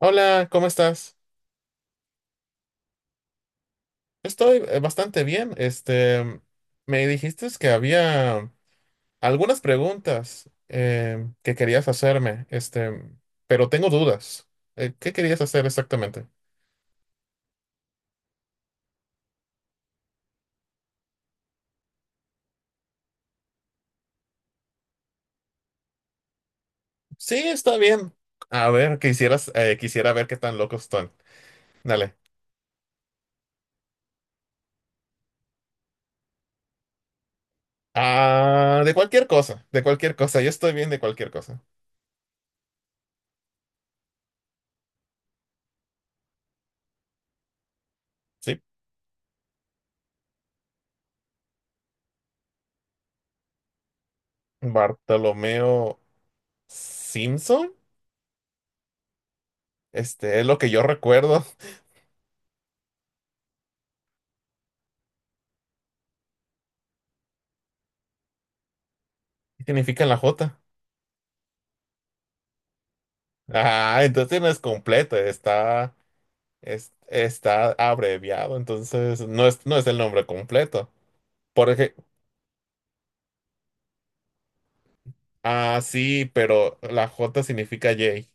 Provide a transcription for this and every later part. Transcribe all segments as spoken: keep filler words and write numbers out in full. Hola, ¿cómo estás? Estoy eh, bastante bien. Este, me dijiste que había algunas preguntas eh, que querías hacerme, este, pero tengo dudas. Eh, ¿qué querías hacer exactamente? Sí, está bien. A ver, quisieras, eh, quisiera ver qué tan locos están. Dale. Ah, de cualquier cosa, de cualquier cosa. Yo estoy bien de cualquier cosa. Sí. Bartolomeo Simpson, este es lo que yo recuerdo. ¿Qué significa en la J? Ah, entonces no es completo, está, es- está abreviado, entonces no es, no es el nombre completo. Por ejemplo, ah, sí, pero la J significa J.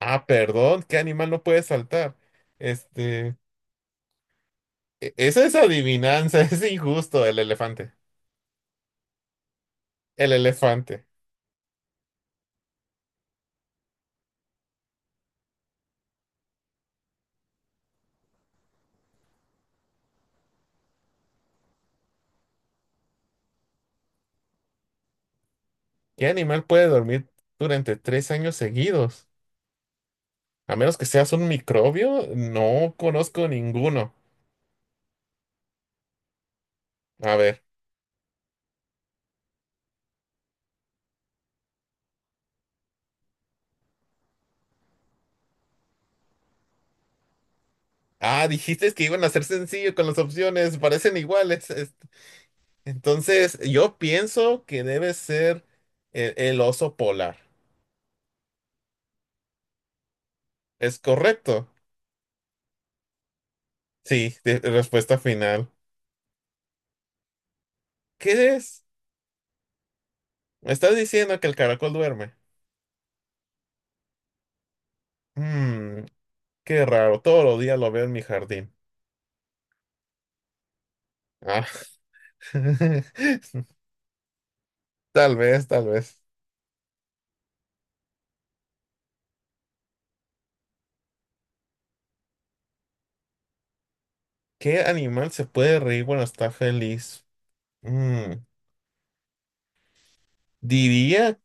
Ah, perdón, ¿qué animal no puede saltar? Este, e- esa es adivinanza, es injusto, el elefante. El elefante. ¿Qué animal puede dormir durante tres años seguidos? A menos que seas un microbio, no conozco ninguno. A ver. Ah, dijiste que iban a ser sencillo con las opciones, parecen iguales. es- Entonces, yo pienso que debe ser el, el oso polar. ¿Es correcto? Sí, de- respuesta final. ¿Qué es? Me estás diciendo que el caracol duerme. Mm, qué raro, todos los días lo veo en mi jardín. Ah, tal vez, tal vez. ¿Qué animal se puede reír cuando está feliz? Mm. Diría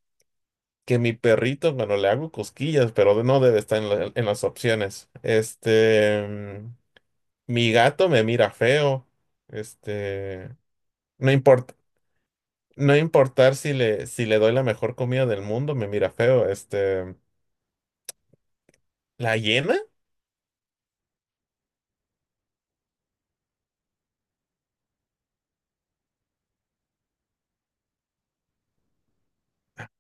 que mi perrito, bueno, le hago cosquillas, pero no debe estar en, la- en las opciones. Este, mm, mi gato me mira feo. Este, no importa, no importar si le, si le doy la mejor comida del mundo, me mira feo. Este, la hiena,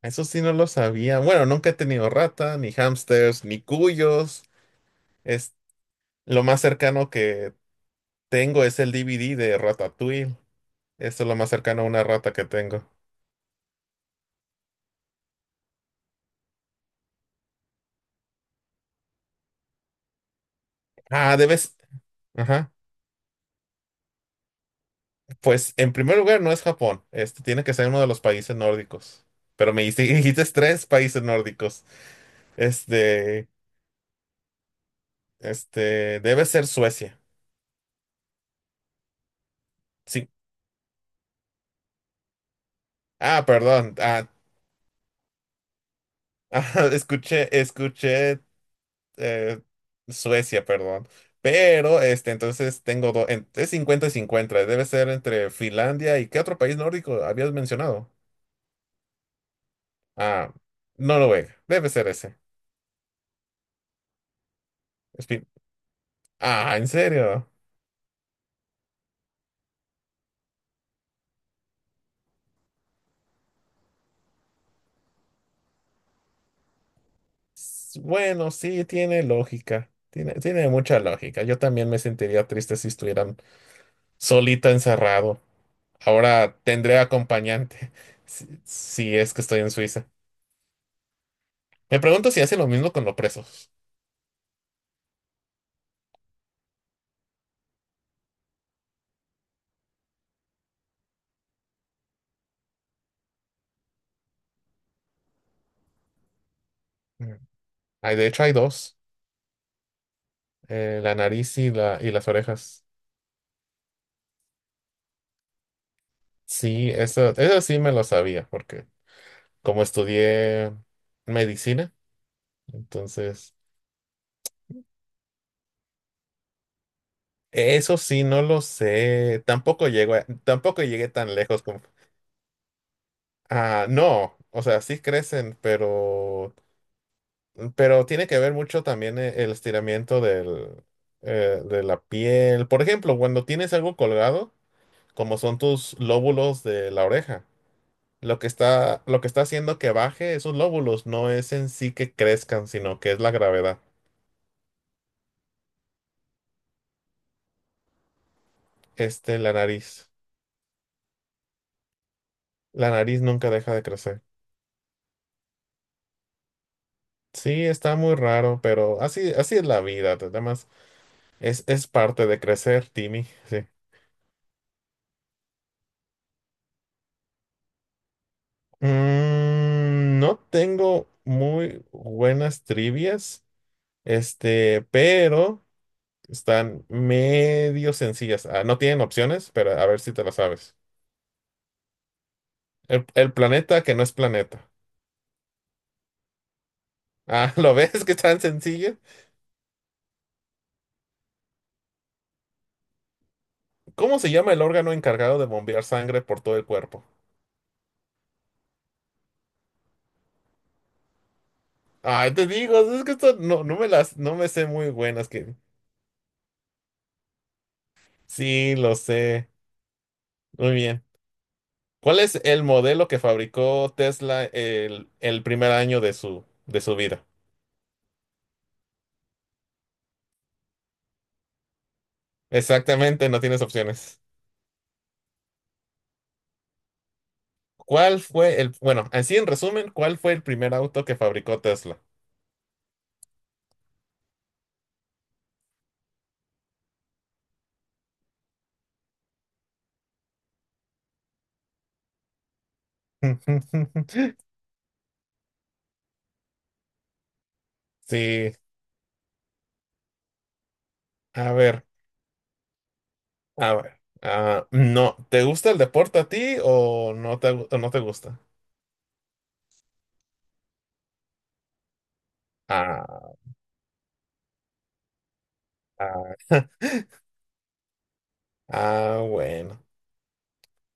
eso sí no lo sabía. Bueno, nunca he tenido rata, ni hamsters, ni cuyos. Es, lo más cercano que tengo es el D V D de Ratatouille. Eso es lo más cercano a una rata que tengo. Ah, debes. Ajá. Pues en primer lugar no es Japón, este tiene que ser uno de los países nórdicos. Pero me dijiste, dijiste tres países nórdicos. Este, este, debe ser Suecia. Sí. Ah, perdón. Ah, ah, escuché, escuché eh, Suecia, perdón. Pero, este, entonces tengo dos, es cincuenta y cincuenta. Debe ser entre Finlandia y ¿qué otro país nórdico habías mencionado? Ah, Noruega. Debe ser ese. Es fin- Ah, ¿en serio? S- Bueno, sí, tiene lógica. Tiene, tiene mucha lógica. Yo también me sentiría triste si estuvieran solita encerrado. Ahora tendré acompañante si, si es que estoy en Suiza. Me pregunto si hace lo mismo con los presos. Mm. Ay, de hecho, hay dos, eh, la nariz y, la, y las orejas. Sí, eso, eso sí me lo sabía, porque como estudié medicina, entonces eso sí no lo sé. Tampoco llego a- tampoco llegué tan lejos como. Ah, no, o sea, sí crecen, pero, pero, tiene que ver mucho también e- el estiramiento del, eh, de la piel. Por ejemplo, cuando tienes algo colgado, como son tus lóbulos de la oreja, lo que está, lo que está haciendo que baje esos lóbulos no es en sí que crezcan, sino que es la gravedad. Este, la nariz. La nariz nunca deja de crecer. Sí, está muy raro, pero así, así es la vida. Además, es, es parte de crecer, Timmy. Sí. Mm, no tengo muy buenas trivias, este, pero están medio sencillas. Ah, no tienen opciones, pero a ver si te las sabes. El, el planeta que no es planeta. Ah, ¿lo ves que es tan sencilla? ¿Cómo se llama el órgano encargado de bombear sangre por todo el cuerpo? Ay, te digo, es que esto no, no me las, no me sé muy buenas que. Sí, lo sé. Muy bien. ¿Cuál es el modelo que fabricó Tesla el, el primer año de su, de su vida? Exactamente, no tienes opciones. ¿Cuál fue el, bueno, así en resumen, ¿cuál fue el primer auto que fabricó Tesla? Sí, a ver, a ver. Ah, no, ¿te gusta el deporte a ti o no te, gu- o no te gusta? Ah, ah, ah, bueno.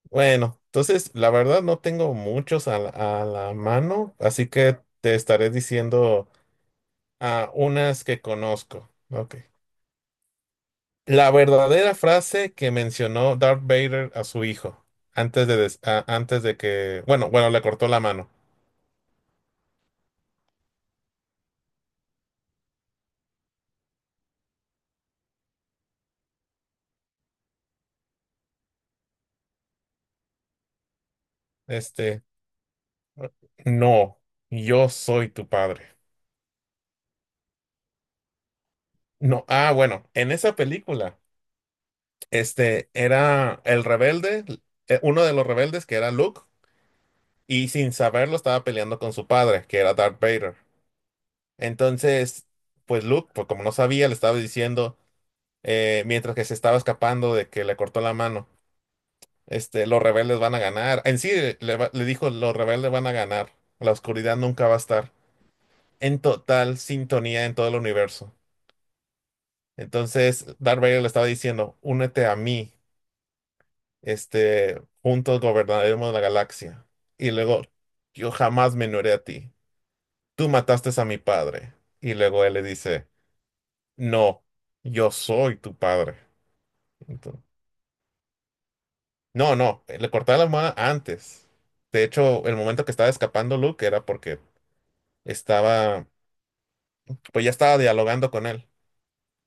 Bueno, entonces la verdad no tengo muchos a la, a la mano, así que te estaré diciendo a unas que conozco. Ok. La verdadera frase que mencionó Darth Vader a su hijo antes de, des- a- antes de que, bueno, bueno, le cortó la mano. Este, no, yo soy tu padre. No, ah, bueno, en esa película, este era el rebelde, eh, uno de los rebeldes que era Luke, y sin saberlo estaba peleando con su padre, que era Darth Vader. Entonces, pues Luke, pues como no sabía, le estaba diciendo, eh, mientras que se estaba escapando de que le cortó la mano, este, los rebeldes van a ganar. En sí, eh, le, va- le dijo, los rebeldes van a ganar. La oscuridad nunca va a estar en total sintonía en todo el universo. Entonces, Darth Vader le estaba diciendo, únete a mí, este, juntos gobernaremos la galaxia. Y luego, yo jamás me uniré a ti. Tú mataste a mi padre. Y luego él le dice, no, yo soy tu padre. Ento- No, no, le cortaba la almohada antes. De hecho, el momento que estaba escapando Luke era porque estaba, pues ya estaba dialogando con él.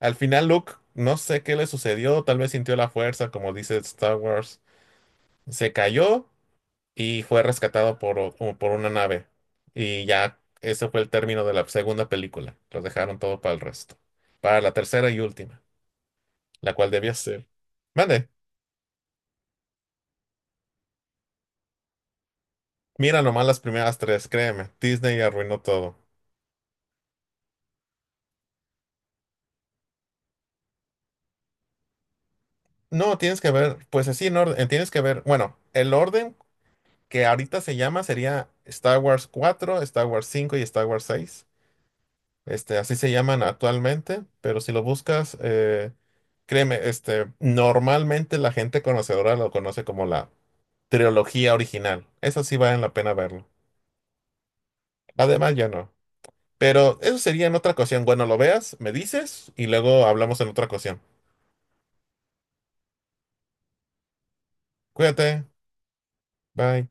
Al final Luke, no sé qué le sucedió, tal vez sintió la fuerza, como dice Star Wars, se cayó y fue rescatado por, o- o por una nave. Y ya ese fue el término de la segunda película. Los dejaron todo para el resto. Para la tercera y última, la cual debía ser. Mande, mira nomás las primeras tres, créeme, Disney arruinó todo. No, tienes que ver, pues así en orden, tienes que ver, bueno, el orden que ahorita se llama sería Star Wars cuatro, Star Wars cinco y Star Wars seis. Este, así se llaman actualmente, pero si lo buscas, eh, créeme, este, normalmente la gente conocedora lo conoce como la trilogía original. Eso sí vale la pena verlo. Además, ya no. Pero eso sería en otra ocasión. Bueno, lo veas, me dices y luego hablamos en otra ocasión. Cuídate, bye.